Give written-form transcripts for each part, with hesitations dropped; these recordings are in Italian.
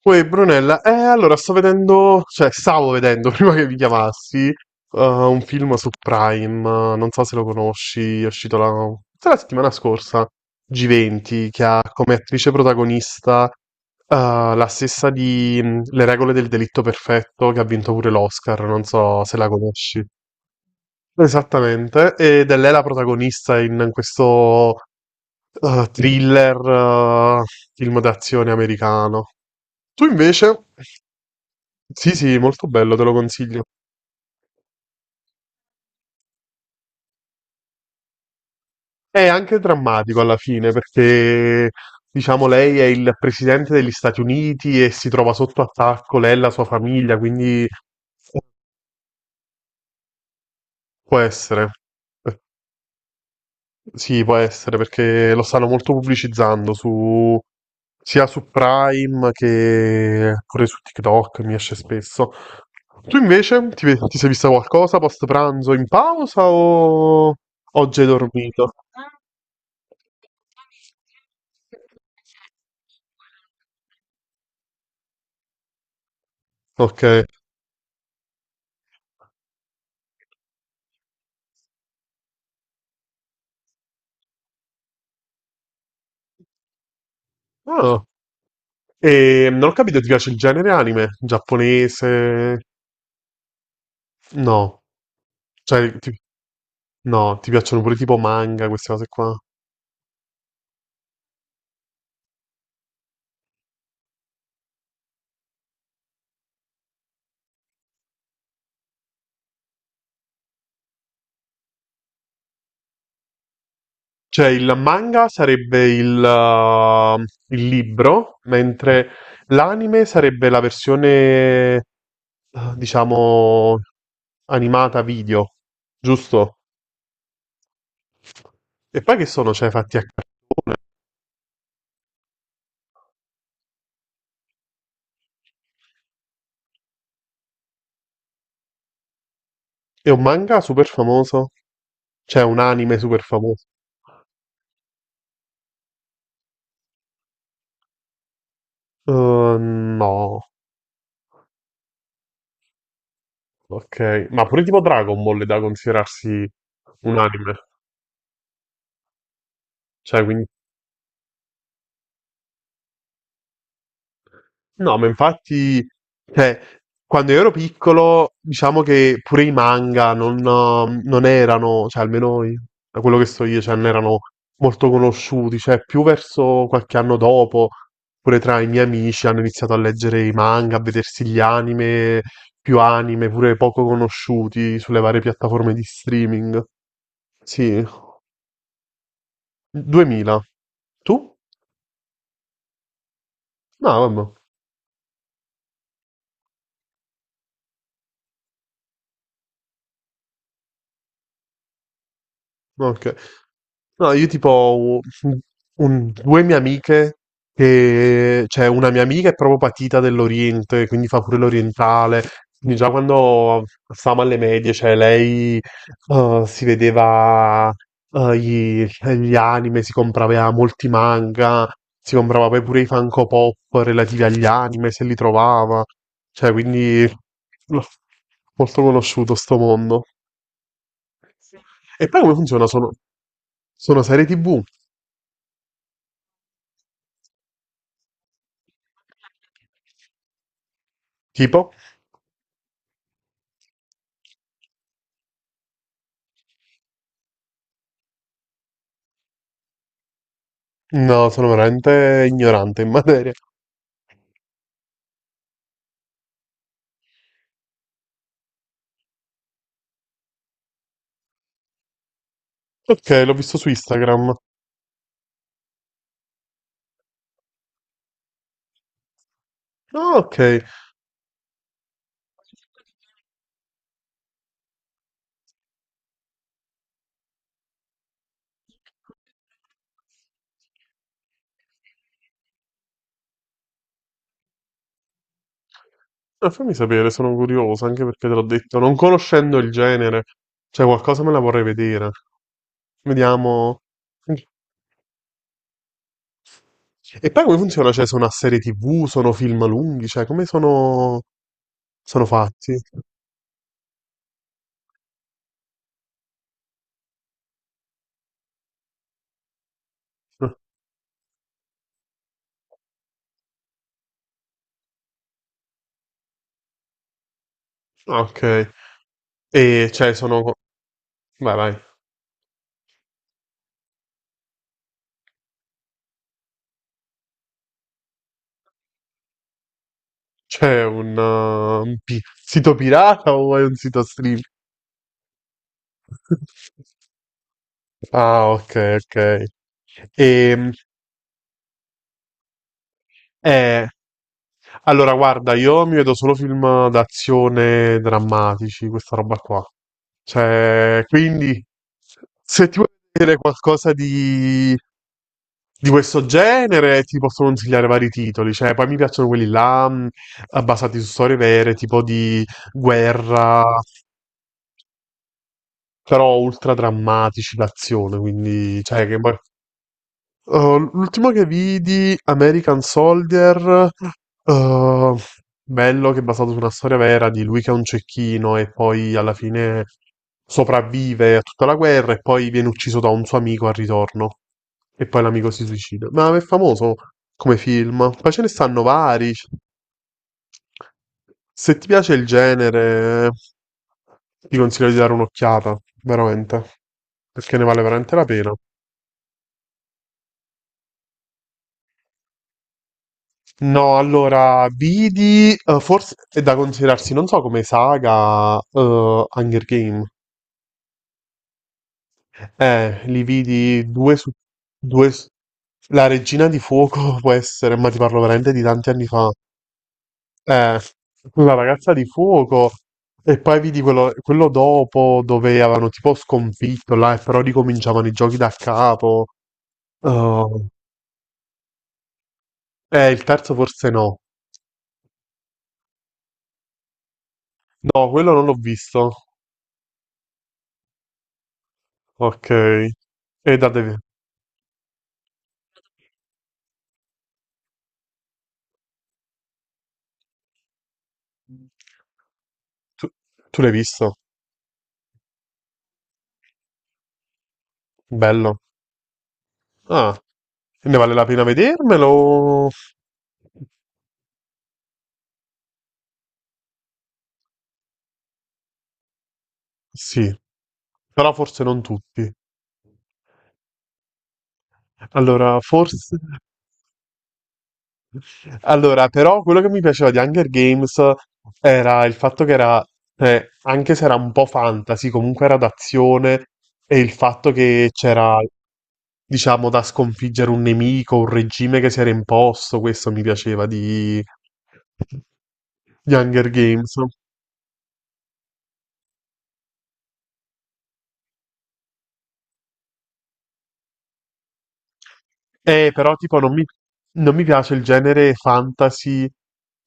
Poi Brunella, allora sto vedendo, cioè stavo vedendo prima che vi chiamassi, un film su Prime, non so se lo conosci, è uscito la, forse la settimana scorsa, G20, che ha come attrice protagonista, la stessa di Le regole del delitto perfetto, che ha vinto pure l'Oscar, non so se la conosci. Esattamente, ed è lei la protagonista in questo thriller, eh, film d'azione americano. Tu invece? Sì, sì, molto bello, te lo consiglio. È anche drammatico alla fine perché, diciamo, lei è il presidente degli Stati Uniti e si trova sotto attacco, lei e la sua famiglia, quindi può essere. Eh, Sì, può essere perché lo stanno molto pubblicizzando su, sia su Prime che pure su TikTok, mi esce spesso. Tu invece ti sei vista qualcosa post pranzo in pausa o oggi hai dormito? Ok. Ah. E non ho capito, ti piace il genere anime? Giapponese? No. Cioè, no, ti piacciono pure tipo manga, queste cose qua. Cioè, il manga sarebbe il libro, mentre l'anime sarebbe la versione, eh, diciamo, animata video, giusto? E poi che sono, cioè, fatti a. È un manga super famoso? C'è un anime super famoso? Eh, no. Ok, ma pure tipo Dragon Ball è da considerarsi un anime. Cioè, quindi. No, ma infatti, cioè, quando io ero piccolo, diciamo che pure i manga non erano, cioè da quello che so io, cioè, non erano molto conosciuti, cioè più verso qualche anno dopo, pure tra i miei amici hanno iniziato a leggere i manga, a vedersi gli anime, più anime, pure poco conosciuti sulle varie piattaforme di streaming. Sì, 2000. Tu? No, vabbè. Ok. No, io tipo ho un- due mie amiche che, cioè una mia amica è proprio patita dell'Oriente, quindi fa pure l'orientale. Quindi già quando stavamo alle medie, cioè lei si vedeva eh, gli, gli anime, si comprava molti manga, si comprava poi pure i Funko Pop relativi agli anime, se li trovava. Cioè, quindi no, molto conosciuto sto mondo. E poi come funziona? Sono serie TV? Tipo? No, sono veramente ignorante in materia. Ok, l'ho visto su Instagram. Ah, ok. Fammi sapere, sono curioso, anche perché te l'ho detto, non conoscendo il genere, cioè qualcosa me la vorrei vedere. Vediamo. E poi come funziona? Cioè, sono a serie TV, sono film lunghi, cioè come sono fatti? Ah, ok. E cioè sono. Vai, vai. C'è un sito pirata o è un sito stream? Ah, ok, ok. E, eh, allora, guarda, io mi vedo solo film d'azione drammatici, questa roba qua. Cioè, quindi, se ti vuoi vedere qualcosa di questo genere, ti posso consigliare vari titoli. Cioè, poi mi piacciono quelli là, basati su storie vere, tipo di guerra. Però ultra drammatici l'azione, quindi cioè che poi. Oh, l'ultimo che vidi, American Soldier, eh, bello che è basato su una storia vera di lui che è un cecchino e poi alla fine sopravvive a tutta la guerra e poi viene ucciso da un suo amico al ritorno e poi l'amico si suicida. Ma è famoso come film, poi ce ne stanno vari. Se ti piace il genere, ti consiglio di dare un'occhiata, veramente, perché ne vale veramente la pena. No, allora, vidi, forse è da considerarsi, non so come saga, Hunger Game. Li vidi due su due. La Regina di Fuoco può essere, ma ti parlo veramente di tanti anni fa. Eh, la ragazza di fuoco. E poi vidi quello, quello dopo dove avevano tipo sconfitto là, e però ricominciavano i giochi da capo. Oh, il terzo forse no. No, quello non l'ho visto. Ok. E da deve- Tu, tu l'hai visto? Bello. Ah, e ne vale la pena vedermelo? Sì, però forse non tutti. Allora, forse. Allora, però quello che mi piaceva di Hunger Games era il fatto che era, cioè, anche se era un po' fantasy, comunque era d'azione e il fatto che c'era, diciamo, da sconfiggere un nemico, un regime che si era imposto, questo mi piaceva di Hunger Games. Però tipo non mi piace il genere fantasy,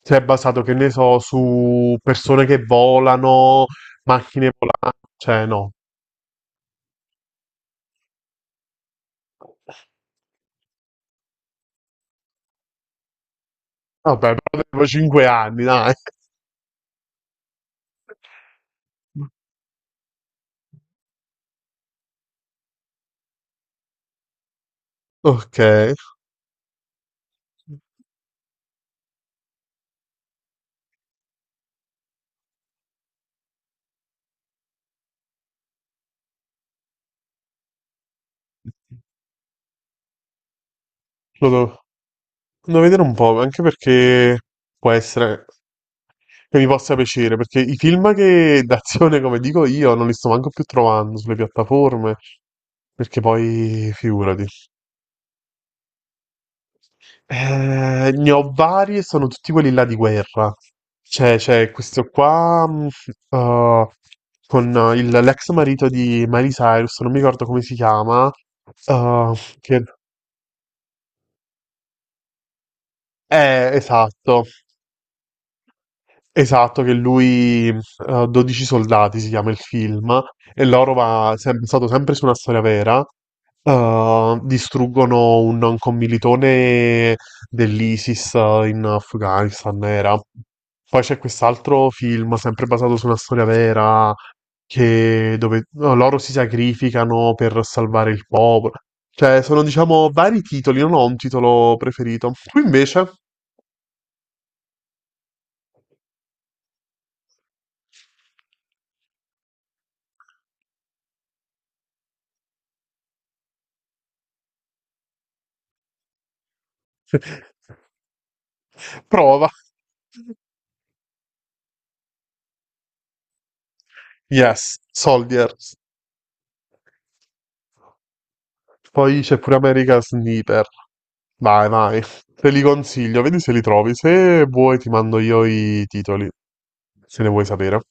cioè basato, che ne so, su persone che volano, macchine volanti, cioè no, vabbè, però avevo 5 anni, dai. Ok. Lo devo vedere un po', anche perché può essere che mi possa piacere, perché i film che d'azione, come dico io, non li sto manco più trovando sulle piattaforme, perché poi figurati. Ne ho vari, e sono tutti quelli là di guerra. C'è questo qua eh, con l'ex marito di Miley Cyrus, non mi ricordo come si chiama. eh, che- esatto. Esatto, che lui, 12 soldati si chiama il film, e loro stato sempre su una storia vera. Distruggono un commilitone dell'ISIS in Afghanistan, era. Poi c'è quest'altro film, sempre basato su una storia vera, che dove no, loro si sacrificano per salvare il popolo. Cioè, sono, diciamo, vari titoli, non ho un titolo preferito. Tu invece, prova. Yes, Soldiers. Poi c'è pure America Sniper. Vai, vai. Te li consiglio, vedi se li trovi. Se vuoi ti mando io i titoli, se ne vuoi sapere.